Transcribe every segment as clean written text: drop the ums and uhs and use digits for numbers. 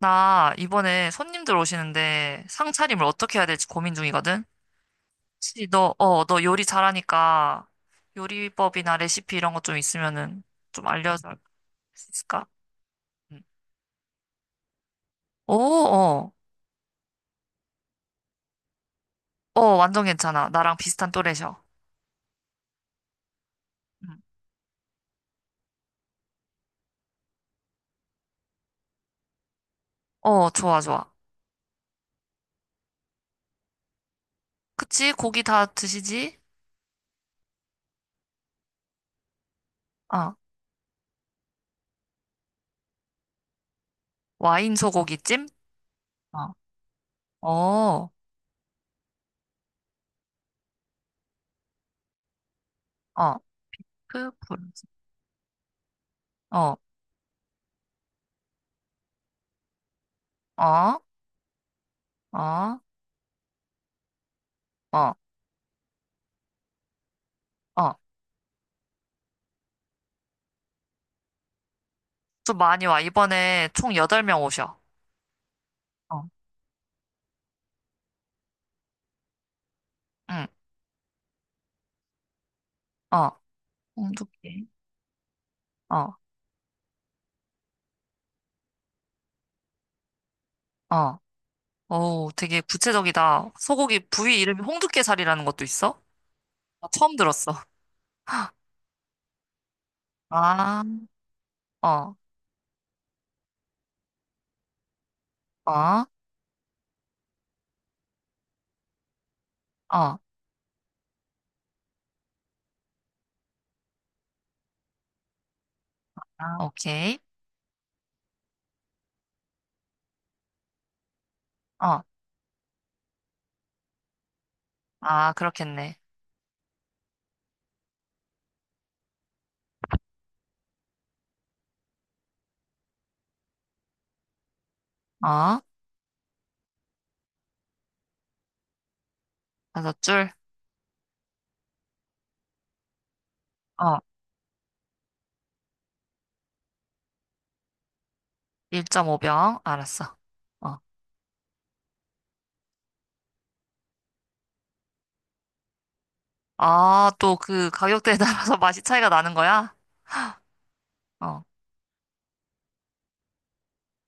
나 이번에 손님들 오시는데 상차림을 어떻게 해야 될지 고민 중이거든? 혹시 너, 어, 너 요리 잘하니까 요리법이나 레시피 이런 것 좀 있으면은 좀 알려줄 수 있을까? 응. 오, 어, 어, 완전 괜찮아. 나랑 비슷한 또래셔. 응. 어, 좋아, 좋아. 그치? 고기 다 드시지? 아, 와인 소고기찜? 어, 어, 어, 그, 브런치. 어, 어, 어, 어, 어. 좀 많이 와. 이번에 총 8명 오셔. 어. 응, 어, 홍두깨. 어, 어. 오, 되게 구체적이다. 소고기 부위 이름이 홍두깨살이라는 것도 있어? 나 처음 들었어. 아, 어, 어, 어, 아, 오케이. 어, 아, 그렇겠네. 어, 다섯 줄. 어, 1.5병. 알았어. 어, 아, 또 그 가격대에 따라서 맛이 차이가 나는 거야? 어,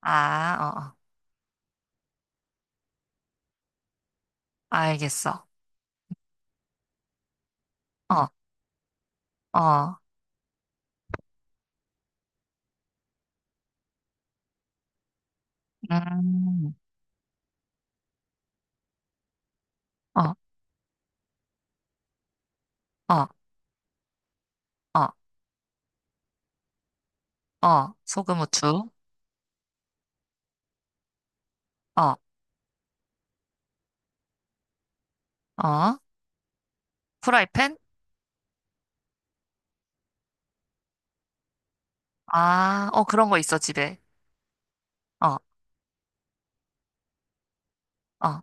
아, 어, 어. 알겠어. 어, 어, 음, 어, 어, 어, 어. 소금, 후추. 어 어, 프라이팬? 아, 어, 그런 거 있어, 집에. 어, 어,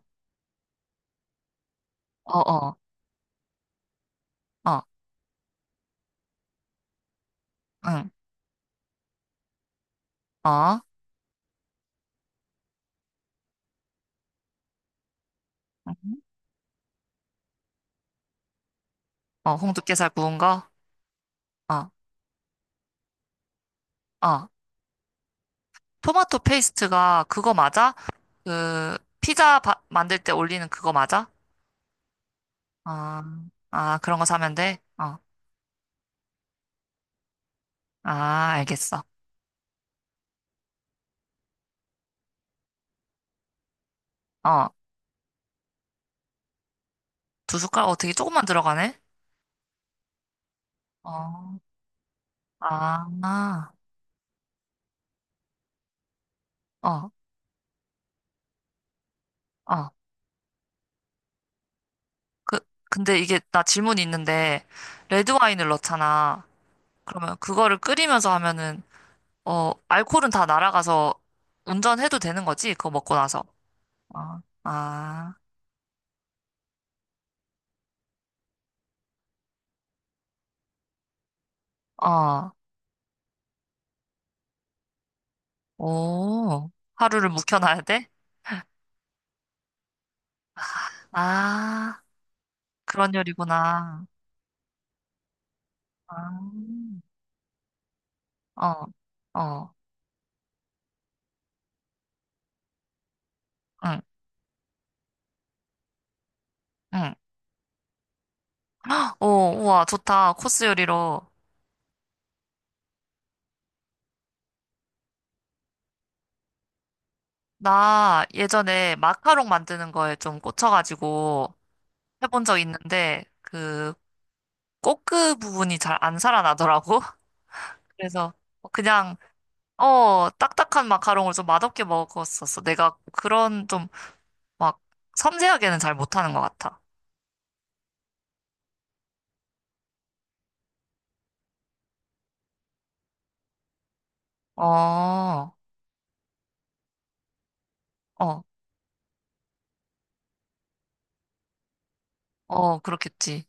어, 어, 어, 응, 어, 응. 어, 홍두깨살 구운 거? 어, 어. 토마토 페이스트가 그거 맞아? 그, 피자 만들 때 올리는 그거 맞아? 아, 아, 그런 거 사면 돼? 어, 아, 알겠어. 어, 두 숟갈? 어, 되게 조금만 들어가네? 어, 아, 아, 어, 어. 그, 근데 이게, 나 질문이 있는데, 레드와인을 넣잖아. 그러면 그거를 끓이면서 하면은 어 알코올은 다 날아가서 운전해도 되는 거지? 그거 먹고 나서. 아, 아, 어, 오, 하루를 묵혀놔야 돼? 아, 그런 요리구나. 아, 어, 어, 응, 응. 오, 우와, 좋다. 코스 요리로. 나 예전에 마카롱 만드는 거에 좀 꽂혀가지고 해본 적 있는데 그 꼬끄 부분이 잘 안 살아나더라고. 그래서 그냥 어, 딱딱한 마카롱을 좀 맛없게 먹었었어. 내가 그런 좀 막 섬세하게는 잘 못하는 것 같아. 어, 어, 어, 그렇겠지.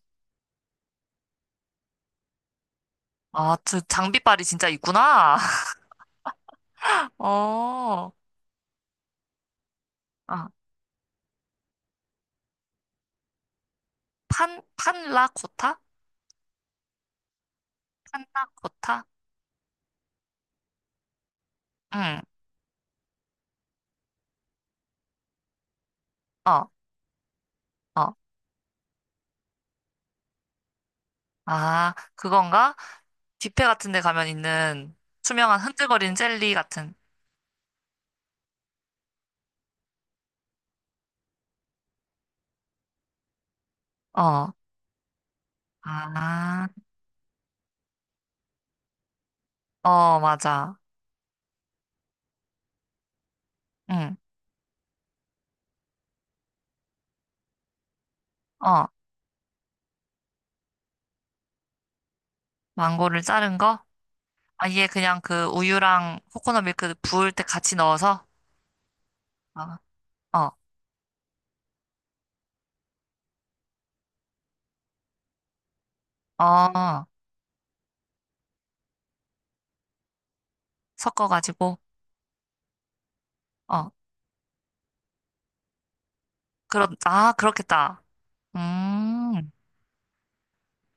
아, 그 장비빨이 진짜 있구나. 어, 아, 판, 판라코타? 판라코타? 응, 어, 어. 아, 그건가? 뷔페 같은 데 가면 있는 투명한 흔들거리는 젤리 같은, 어, 아, 어, 맞아. 응, 어, 망고를 자른 거? 아예 그냥 그 우유랑 코코넛 밀크 부을 때 같이 넣어서 어, 어, 어, 섞어가지고 어, 그런 아 그렇겠다. 음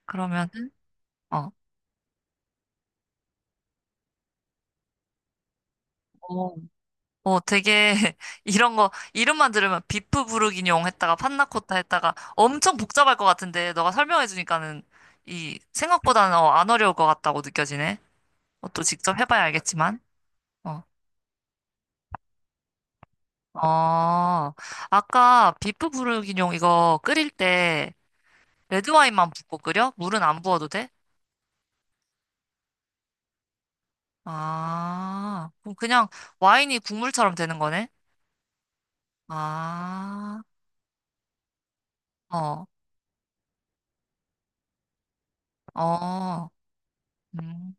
그러면은 어, 오, 오 되게 이런 거 이름만 들으면 비프 부르기뇽 했다가 판나코타 했다가 엄청 복잡할 것 같은데 너가 설명해주니까는 이 생각보다는 어, 안 어려울 것 같다고 느껴지네. 어, 또 직접 해봐야 알겠지만 어, 어 아까 비프 부르기뇽 이거 끓일 때 레드와인만 붓고 끓여? 물은 안 부어도 돼? 아, 그럼 그냥 와인이 국물처럼 되는 거네? 아, 어, 어, 음,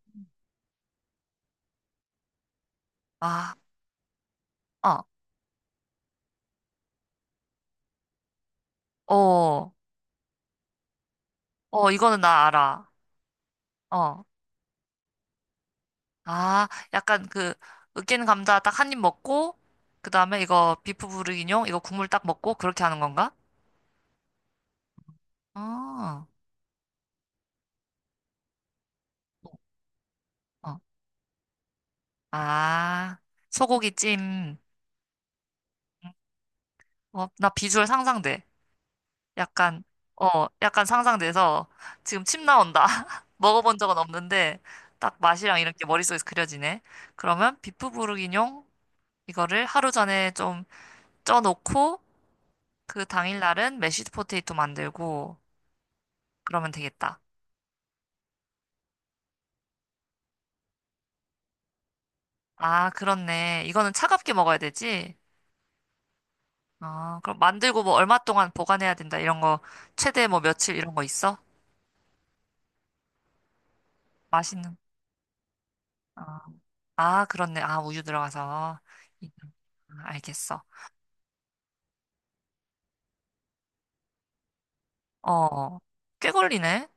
아, 어, 어, 어, 이거는 나 알아. 어, 아, 약간 그, 으깬 감자 딱 한 입 먹고, 그 다음에 이거 비프 부르기뇽, 이거 국물 딱 먹고, 그렇게 하는 건가? 어, 어, 어. 아, 소고기 찜. 어, 나 비주얼 상상돼. 약간, 어, 약간 상상돼서 지금 침 나온다. 먹어본 적은 없는데 딱 맛이랑 이런 게 머릿속에서 그려지네. 그러면 비프 부르기뇽 이거를 하루 전에 좀 쪄놓고 그 당일날은 메쉬드 포테이토 만들고 그러면 되겠다. 아, 그렇네. 이거는 차갑게 먹어야 되지? 아, 그럼 만들고 뭐 얼마 동안 보관해야 된다. 이런 거 최대 뭐 며칠 이런 거 있어? 맛있는. 아, 아, 그렇네. 아, 우유 들어가서. 이- 아, 알겠어. 어, 꽤 걸리네.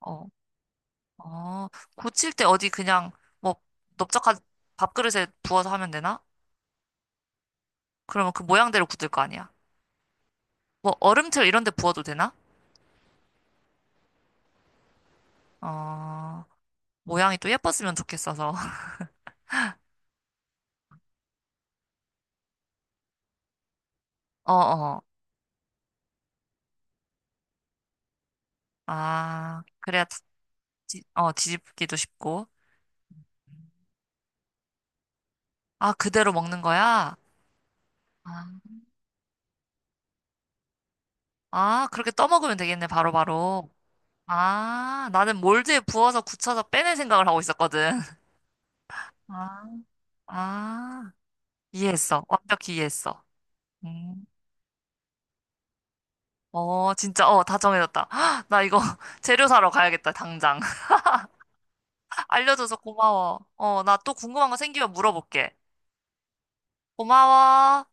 어, 어, 고칠 때 어디 그냥 뭐 넓적한 밥그릇에 부어서 하면 되나? 그러면 그 모양대로 굳을 거 아니야. 뭐 얼음틀 이런 데 부어도 되나? 어, 모양이 또 예뻤으면 좋겠어서. 어, 어. 아, 그래야 뒤집기도 쉽고. 아, 그대로 먹는 거야? 아, 아, 그렇게 떠먹으면 되겠네, 바로바로. 아, 나는 몰드에 부어서 굳혀서 빼낼 생각을 하고 있었거든. 아, 아, 이해했어. 완벽히 이해했어. 음. 어, 진짜, 어, 다 정해졌다. 나 이거 재료 사러 가야겠다, 당장. 알려줘서 고마워. 어, 나 또 궁금한 거 생기면 물어볼게. 고마워.